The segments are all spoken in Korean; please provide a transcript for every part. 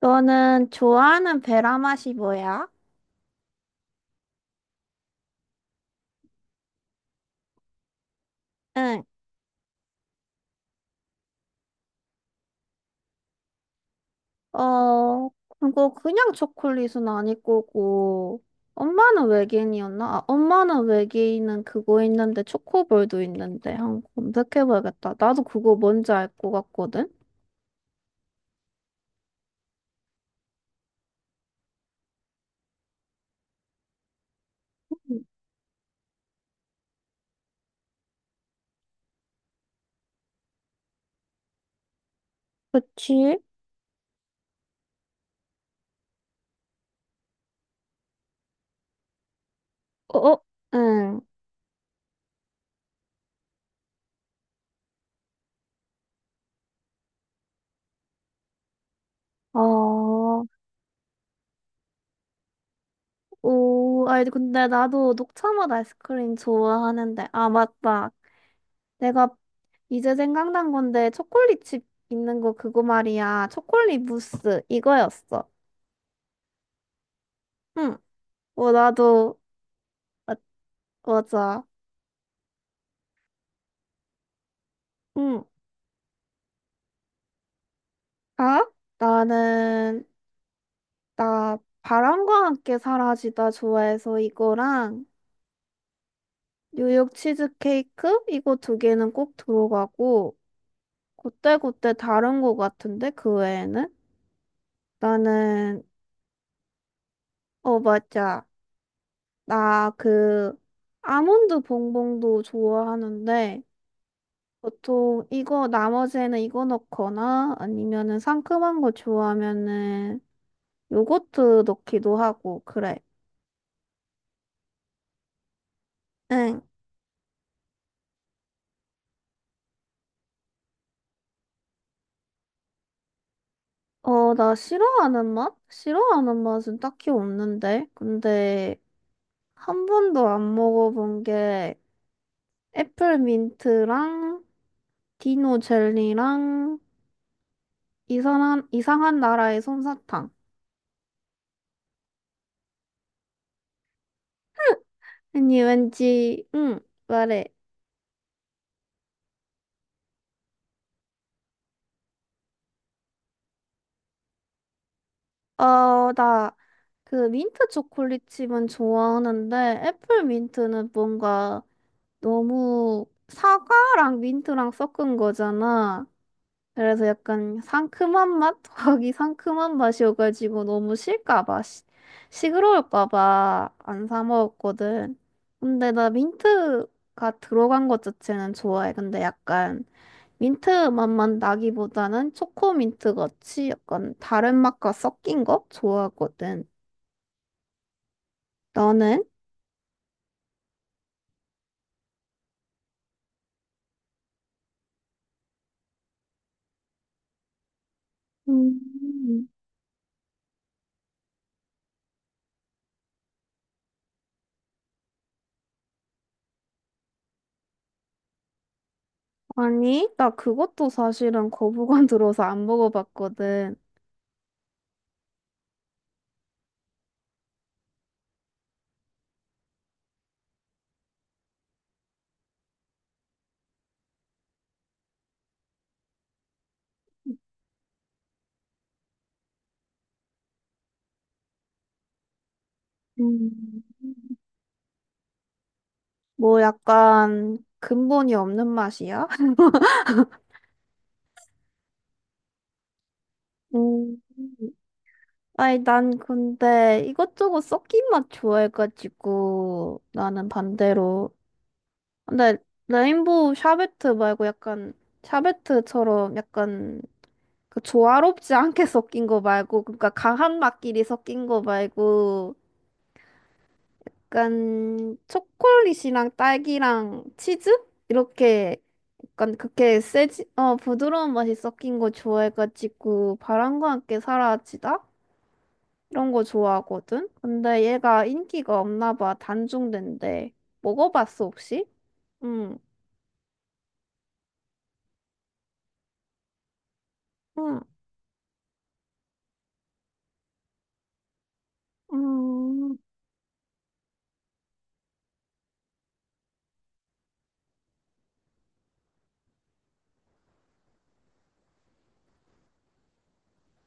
너는 좋아하는 베라 맛이 뭐야? 응. 어, 그거 그냥 초콜릿은 아닐 거고. 엄마는 외계인이었나? 엄마는 외계인은 그거 있는데 초코볼도 있는데 한번 검색해봐야겠다. 나도 그거 뭔지 알 것 같거든? 음, 그치? 어, 어, 응. 어, 오, 아니 근데 나도 녹차 맛 아이스크림 좋아하는데. 아, 맞다. 내가 이제 생각난 건데 초콜릿집 있는 거 그거 말이야. 초콜릿 무스 이거였어. 응. 나도. 아, 맞아. 응. 아? 나는 나 바람과 함께 사라지다 좋아해서 이거랑 뉴욕 치즈케이크 이거 두 개는 꼭 들어가고 그때그때 다른 거 같은데 그 외에는 나는 맞아. 나 그 아몬드 봉봉도 좋아하는데 보통 이거 나머지에는 이거 넣거나 아니면은 상큼한 거 좋아하면은 요거트 넣기도 하고 그래. 응. 나 싫어하는 맛? 싫어하는 맛은 딱히 없는데. 근데 한 번도 안 먹어본 게 애플 민트랑 디노 젤리랑 이상한 나라의 솜사탕. 아니 왠지 응 말해. 나 그 민트 초콜릿 칩은 좋아하는데 애플 민트는 뭔가 너무 사과랑 민트랑 섞은 거잖아. 그래서 약간 상큼한 맛? 거기 상큼한 맛이어가지고 너무 실까 봐. 시끄러울까 봐 안 사 먹었거든. 근데 나 민트가 들어간 것 자체는 좋아해. 근데 약간 민트 맛만 나기보다는 초코민트 같이 약간 다른 맛과 섞인 거 좋아하거든. 너는? 음, 아니, 나 그것도 사실은 거부감 들어서 안 먹어봤거든. 음, 뭐 약간 근본이 없는 맛이야? 음. 아니, 난 근데 이것저것 섞인 맛 좋아해가지고 나는 반대로. 근데 레인보우 샤베트 말고 약간 샤베트처럼 약간 그 조화롭지 않게 섞인 거 말고, 그러니까 강한 맛끼리 섞인 거 말고, 약간 초콜릿이랑 딸기랑 치즈? 이렇게 약간 그렇게 세지, 부드러운 맛이 섞인 거 좋아해가지고, 바람과 함께 사라지다? 이런 거 좋아하거든? 근데 얘가 인기가 없나 봐, 단종된대. 먹어봤어, 혹시? 응, 응, 음.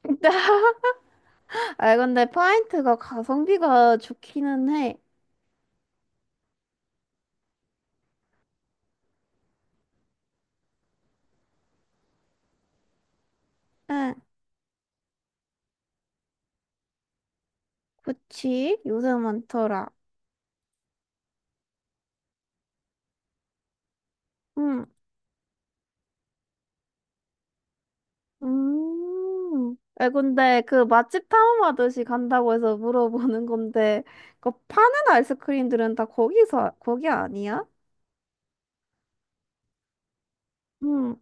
아, 근데 파인트가 가성비가 좋기는 해. 응. 그치? 요새 많더라. 응. 음. 근데 그 맛집 탐험하듯이 간다고 해서 물어보는 건데 그 파는 아이스크림들은 다 거기서 거기 아니야? 응.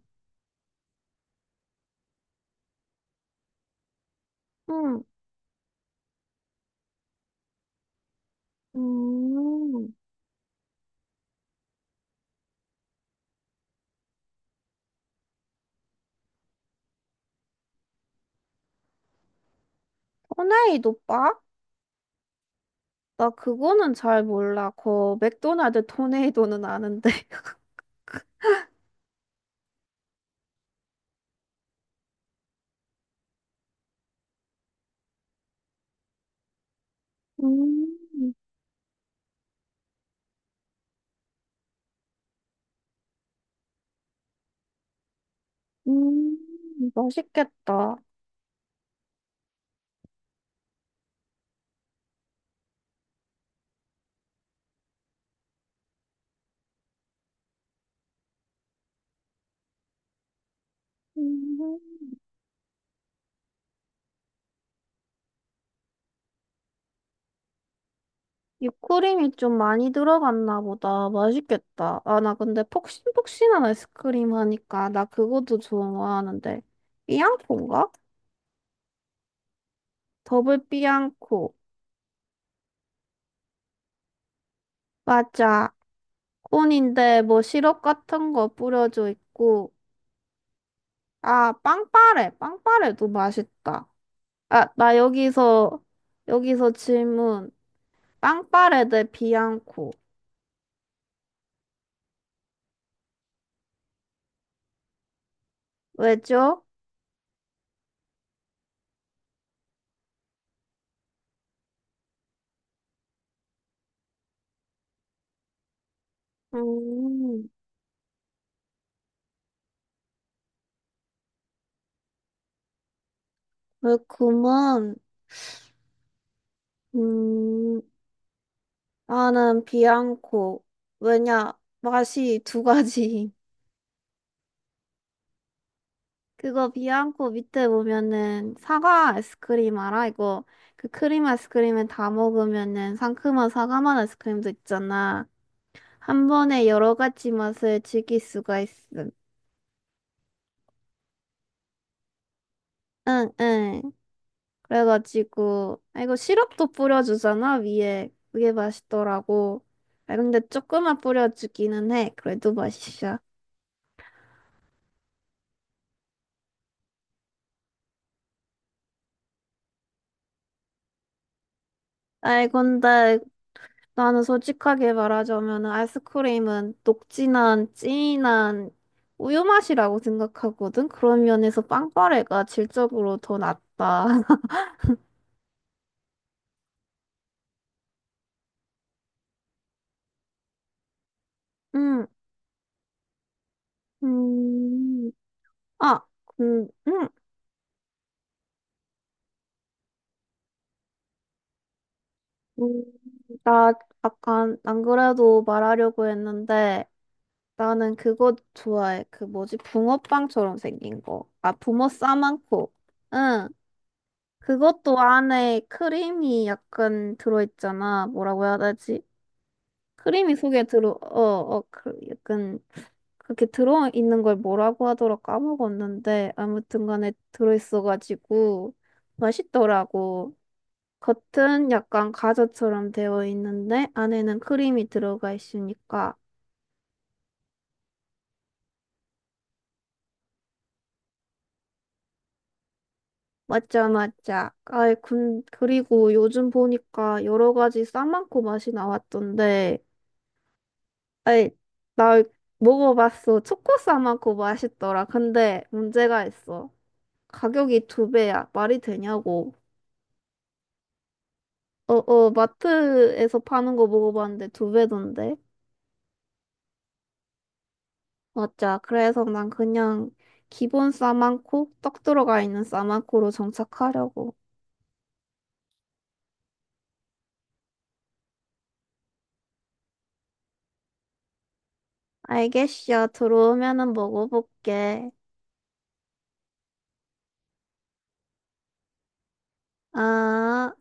응. 음. 토네이도 바? 나 그거는 잘 몰라. 그 맥도날드 토네이도는 아는데. 음. 음. 맛있겠다. 음. whipped 좀 많이 들어갔나 보다. 맛있겠다. 아, 나 근데 폭신폭신한 아이스크림 하니까 나 그것도 좋아하는데. 삐양코인가? 더블 삐양코. 맞아. 콘인데 뭐 시럽 같은 거 뿌려져 있고. 아, 빵빠레. 빵빠레도 맛있다. 아, 나 여기서 질문. 빵빠레 대 비앙코. 왜죠? 음, 그렇구먼. 음. 나는 비앙코. 왜냐, 맛이 두 가지. 그거 비앙코 밑에 보면은 사과 아이스크림 알아? 이거 그 크림 아이스크림에 다 먹으면은 상큼한 사과 맛 아이스크림도 있잖아. 한 번에 여러 가지 맛을 즐길 수가 있음. 응, 응. 그래가지고, 아, 이거 시럽도 뿌려주잖아, 위에. 그게 맛있더라고. 아, 근데 조금만 뿌려주기는 해. 그래도 맛있어. 아이, 근데 나는 솔직하게 말하자면 아이스크림은 녹진한, 진한 우유 맛이라고 생각하거든. 그런 면에서 빵빠레가 질적으로 더 낫다. 음, 음, 아, 음, 음, 음, 나 약간 안 그래도 말하려고 했는데 나는 그거 좋아해. 그 뭐지? 붕어빵처럼 생긴 거. 아, 붕어 싸만코. 응. 그것도 안에 크림이 약간 들어있잖아. 뭐라고 해야 되지? 크림이 속에 들어, 그, 약간, 그렇게 들어있는 걸 뭐라고 하더라 까먹었는데, 아무튼 간에 들어있어가지고, 맛있더라고. 겉은 약간 과자처럼 되어 있는데, 안에는 크림이 들어가 있으니까. 맞자, 맞자. 아이, 그리고 요즘 보니까 여러 가지 싸만코 맛이 나왔던데, 아이, 나 먹어봤어. 초코 싸만코 맛있더라. 근데 문제가 있어. 가격이 두 배야. 말이 되냐고. 마트에서 파는 거 먹어봤는데 두 배던데. 맞자. 그래서 난 그냥 기본 싸만코, 떡 들어가 있는 싸만코로 정착하려고. 알겠어. 들어오면은 먹어볼게. 아.